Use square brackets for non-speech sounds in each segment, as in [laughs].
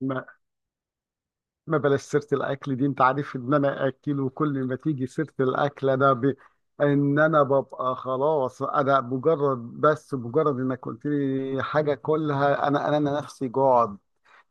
ما ما بلاش سيرة الأكل دي، أنت عارف إن أنا أكل وكل ما تيجي سيرة الأكل ده ب... إن أنا ببقى خلاص، أنا مجرد بس مجرد إنك قلت لي حاجة كلها أنا نفسي جوعد.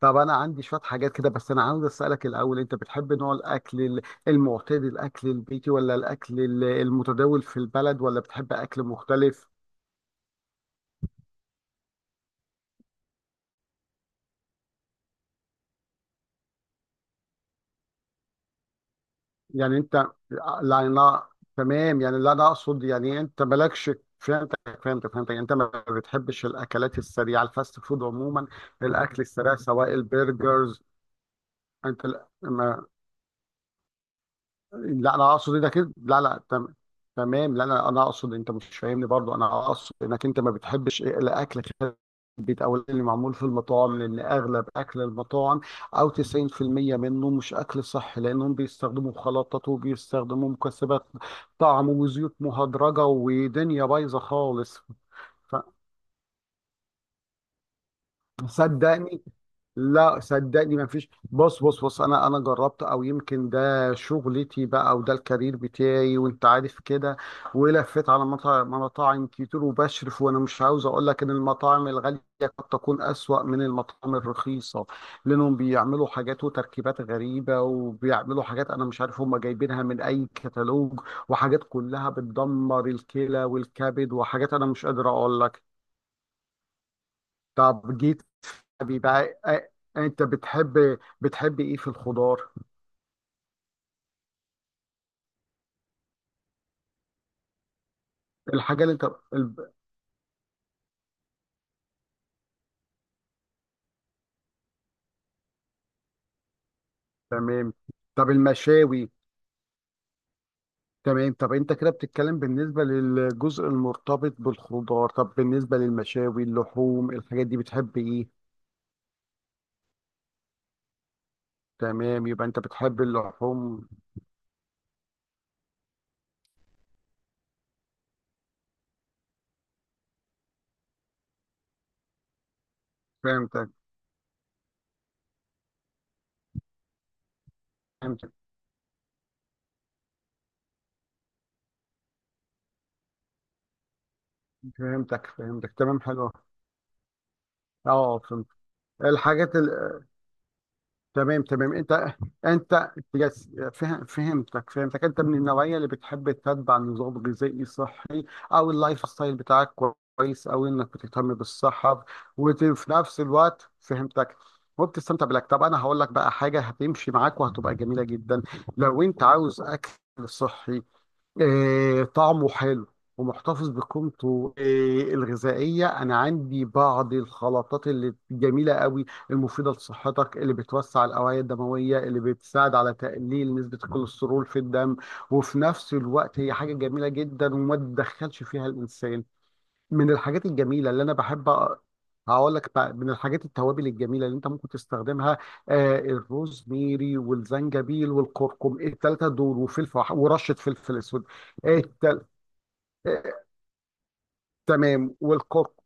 طب أنا عندي شوية حاجات كده، بس أنا عاوز أسألك الأول، أنت بتحب نوع الأكل ال- المعتاد، الأكل البيتي، ولا الأكل ال- المتداول في البلد، ولا بتحب أكل مختلف؟ يعني انت، لا انا تمام، يعني اللي انا اقصد يعني انت مالكش. فهمتك يعني انت ما بتحبش الاكلات السريعه، الفاست فود عموما، الاكل السريع سواء البرجرز. انت لا, ما... لا انا اقصد انك انت- لا لا تم... تمام، لا لا انا اقصد انت مش فاهمني برضو، انا اقصد انك انت ما بتحبش إيه، الاكل البيت او اللي معمول في المطاعم، لان اغلب اكل المطاعم او 90% منه مش اكل صح، لانهم بيستخدموا مخلطات وبيستخدموا مكسبات طعم وزيوت مهدرجه ودنيا بايظه خالص. صدقني، لا صدقني ما فيش. بص بص بص انا جربت، او يمكن ده شغلتي بقى وده الكارير بتاعي وانت عارف كده. ولفيت على مطاعم كتير وبشرف، وانا مش عاوز اقول لك ان المطاعم الغاليه قد تكون اسوأ من المطاعم الرخيصه، لانهم بيعملوا حاجات وتركيبات غريبه، وبيعملوا حاجات انا مش عارف هم جايبينها من اي كتالوج، وحاجات كلها بتدمر الكلى والكبد، وحاجات انا مش قادر اقول لك. طب جيت حبيبي ع- ع- انت بتحب ايه في الخضار؟ الحاجه اللي انت ال- تمام. طب المشاوي. تمام، طب انت كده بتتكلم بالنسبه للجزء المرتبط بالخضار، طب بالنسبه للمشاوي، اللحوم، الحاجات دي بتحب ايه؟ تمام، يبقى انت بتحب اللحوم. فهمتك فهمتك فهمتك. تمام حلو. اه فهمت. الحاجات ال- تمام تمام. انت انت يس فهم فهمتك. انت من النوعيه اللي بتحب تتبع نظام غذائي صحي، او اللايف ستايل بتاعك، كويس، او انك بتهتم بالصحه. وفي نفس الوقت فهمتك، وبتستمتع بالاكل. طب انا هقول لك بقى حاجه هتمشي معاك وهتبقى جميله جدا. لو انت عاوز اكل صحي، طعمه حلو ومحتفظ بقيمته، الغذائية. أنا عندي بعض الخلطات اللي جميلة قوي، المفيدة لصحتك، اللي بتوسع الأوعية الدموية، اللي بتساعد على تقليل نسبة الكوليسترول في الدم، وفي نفس الوقت هي حاجة جميلة جدا وما تدخلش فيها الإنسان. من الحاجات الجميلة اللي أنا بحب أ- هقول لك بقى. من الحاجات التوابل الجميلة اللي أنت ممكن تستخدمها، آه الروزميري والزنجبيل والكركم الثلاثة دول، وفلفل، ورشة فلفل أسود. التل... آه، تمام والكركم.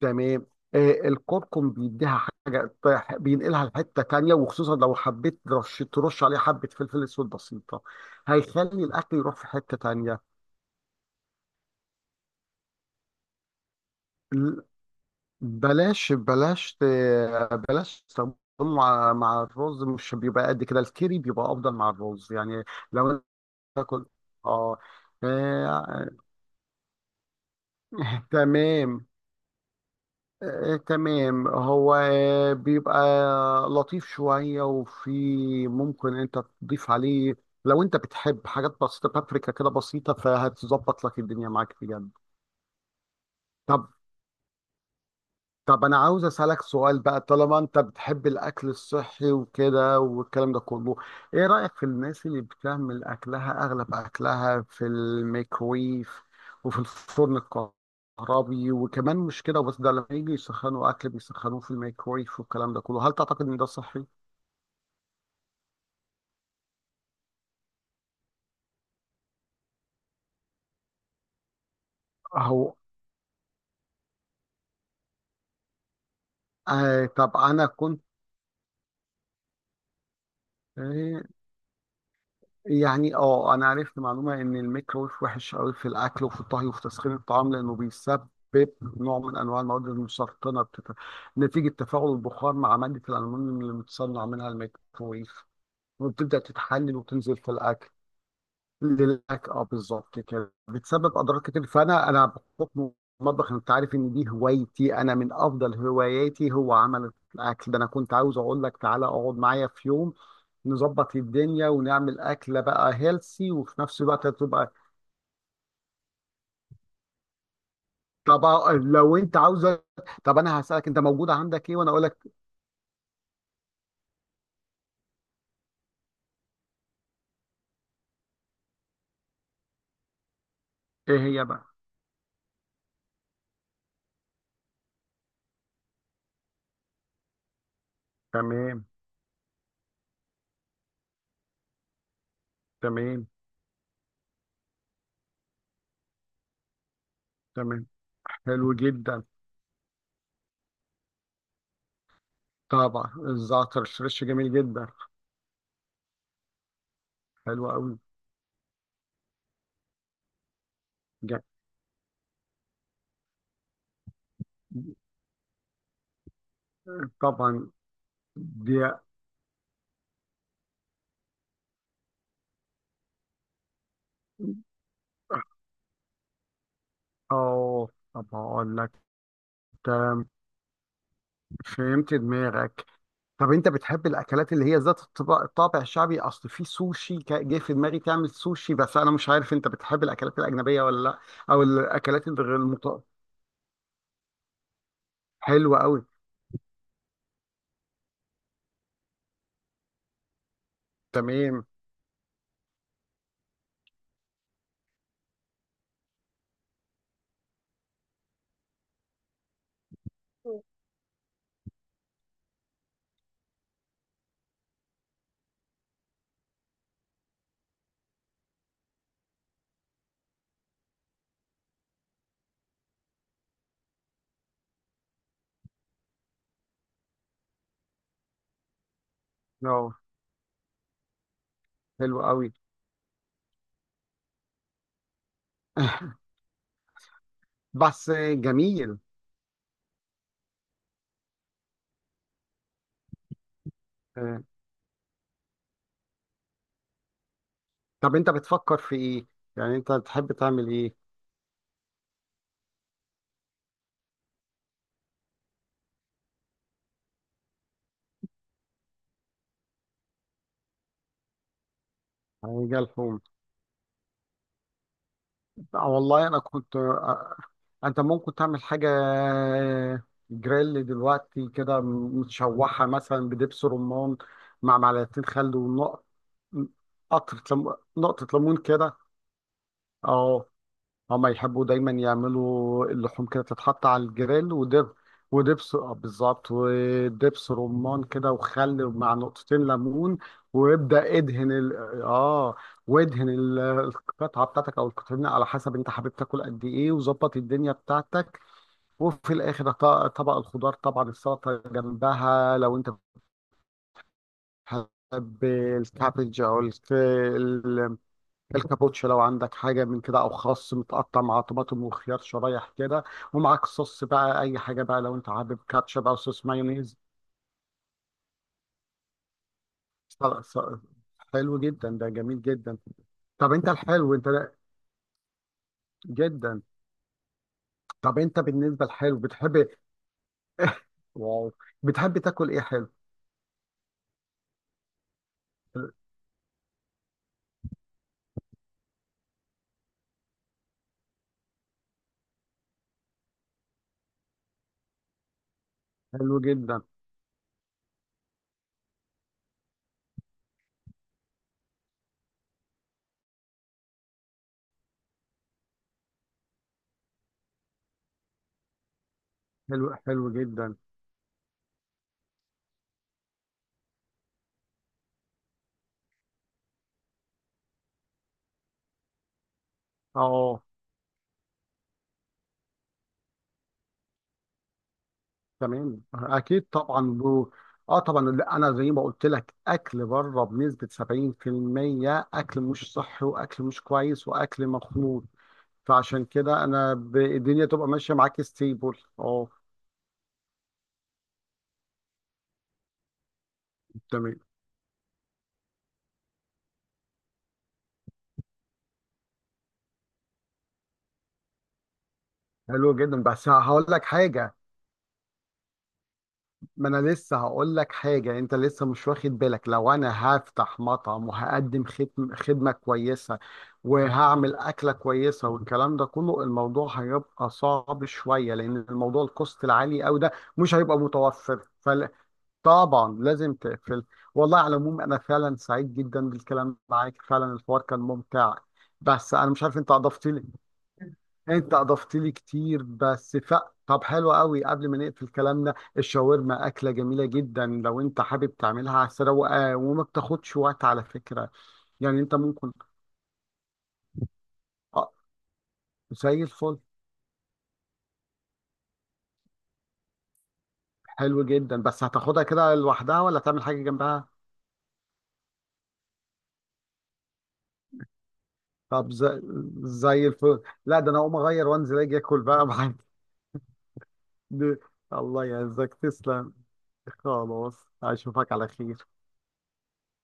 تمام. آه الكركم بيديها حاجة طيح- بينقلها لحتة تانية، وخصوصا لو حبيت ترش عليه حبة فلفل أسود بسيطة، هيخلي الأكل يروح في حتة تانية. بلاش ت- بلاش تستخدمه مع الرز، مش بيبقى قد كده. الكيري بيبقى افضل مع الرز يعني. لو انت تاكل اه، آه، [laughs] تمام. تمام، هو بيبقى لطيف شوية، وفي ممكن انت تضيف عليه، لو انت بتحب حاجات بسيطة، بابريكا كده بسيطة، فهتظبط لك الدنيا معاك بجد. طب طب انا عاوز اسالك سؤال بقى، طالما انت بتحب الاكل الصحي وكده والكلام ده كله، ايه رايك في الناس اللي بتعمل اكلها اغلب اكلها في الميكرويف وفي الفرن الكهربي؟ وكمان مش كده وبس، ده لما يجي يسخنوا اكل بيسخنوه في الميكرويف والكلام ده كله، هل تعتقد ان ده صحي؟ اهو. آه طب انا كنت. يعني اه انا عرفت معلومه ان الميكرويف وحش قوي في الاكل وفي الطهي وفي تسخين الطعام، لانه بيسبب نوع من انواع المواد المسرطنه بتت... نتيجه تفاعل البخار مع ماده الالومنيوم اللي متصنع منها الميكرويف، وبتبدا تتحلل وتنزل في الاكل. للاكل، اه بالظبط كده، بتسبب اضرار كتير. فانا بحكم المطبخ انت عارف ان دي هوايتي، انا من افضل هواياتي هو عمل الاكل ده. انا كنت عاوز اقول لك تعالى اقعد معايا في يوم، نظبط الدنيا ونعمل اكله بقى هيلسي، وفي نفس الوقت تبقى. طب لو انت عاوزه، طب انا هسالك انت موجوده عندك ايه وانا اقول لك. ايه هي بقى. تمام تمام تمام. حلو جدا. طبعا الزعتر الشريش جميل جدا. حلو قوي. جا- طبعا. دي. اه طب هقول لك. تمام. فهمت دماغك. طب انت بتحب الاكلات اللي هي ذات الطباع- الطابع الشعبي؟ اصل في سوشي كا- جه في دماغي تعمل سوشي، بس انا مش عارف انت بتحب الاكلات الاجنبيه ولا لا، او الاكلات اللي غير المط... حلوه قوي. تمام اه. حلوه قوي. [laughs] بس جميل. آه. طب انت بتفكر في ايه؟ يعني انت تحب تعمل ايه؟ حاجه لحوم. لا والله انا كنت، انت ممكن تعمل حاجه جريل دلوقتي كده متشوحه مثلا بدبس رمان، مع معلقتين خل ونقطه، قطرة لم... نقطه ليمون كده. اه، هما يحبوا دايما يعملوا اللحوم كده، تتحط على الجريل ودب. ودبس بالظبط. ودبس رمان كده، وخل مع نقطتين ليمون. وابدأ ادهن ال... اه وادهن ال- القطعة بتاعتك، او القطعين على حسب انت حابب تاكل قد ايه، وظبط الدنيا بتاعتك. وفي الاخر ط- طبق الخضار طبعا، السلطة جنبها، لو انت بتحب الكابج او الكابوتشا، لو عندك حاجة من كده، أو خس متقطع مع طماطم وخيار شرايح كده، ومعاك صوص بقى، أي حاجة بقى، لو أنت حابب كاتشب أو صوص مايونيز. ص- ص- حلو جدا، ده جميل جدا. طب أنت الحلو أنت لا- جدا. طب أنت بالنسبة للحلو بتحب. [laughs] واو، بتحب تاكل إيه حلو؟ حلو جدا. حلو جدا. أه تمام اكيد طبعا له. اه طبعا، لا انا زي ما قلت لك، اكل بره بنسبه 70% اكل مش صحي، واكل مش كويس، واكل مخلوط. فعشان كده انا ب... الدنيا تبقى ماشيه معاك ستيبل. اه تمام. حلو جدا، بس هقول لك حاجه. ما انا لسه هقول لك حاجه، انت لسه مش واخد بالك، لو انا هفتح مطعم وهقدم خدم- خدمه كويسه وهعمل اكله كويسه والكلام ده كله، الموضوع هيبقى صعب شويه، لان الموضوع الكوست العالي قوي ده مش هيبقى متوفر فل... طبعا لازم تقفل. والله على العموم انا فعلا سعيد جدا بالكلام معاك، فعلا الحوار كان ممتع. بس انا مش عارف انت اضفت. انت اضفت لي كتير، بس ف... طب حلو قوي، قبل ما نقفل كلامنا، الشاورما اكله جميله جدا لو انت حابب تعملها على السريع، وما بتاخدش وقت على فكره. يعني انت ممكن آه، زي الفل. حلو جدا، بس هتاخدها كده لوحدها ولا تعمل حاجه جنبها؟ طب زي, زي الفل، لا ده انا اقوم اغير وانزل اجي اكل بقى معاك. [laughs] الله يعزك، تسلم. خلاص اشوفك على خير.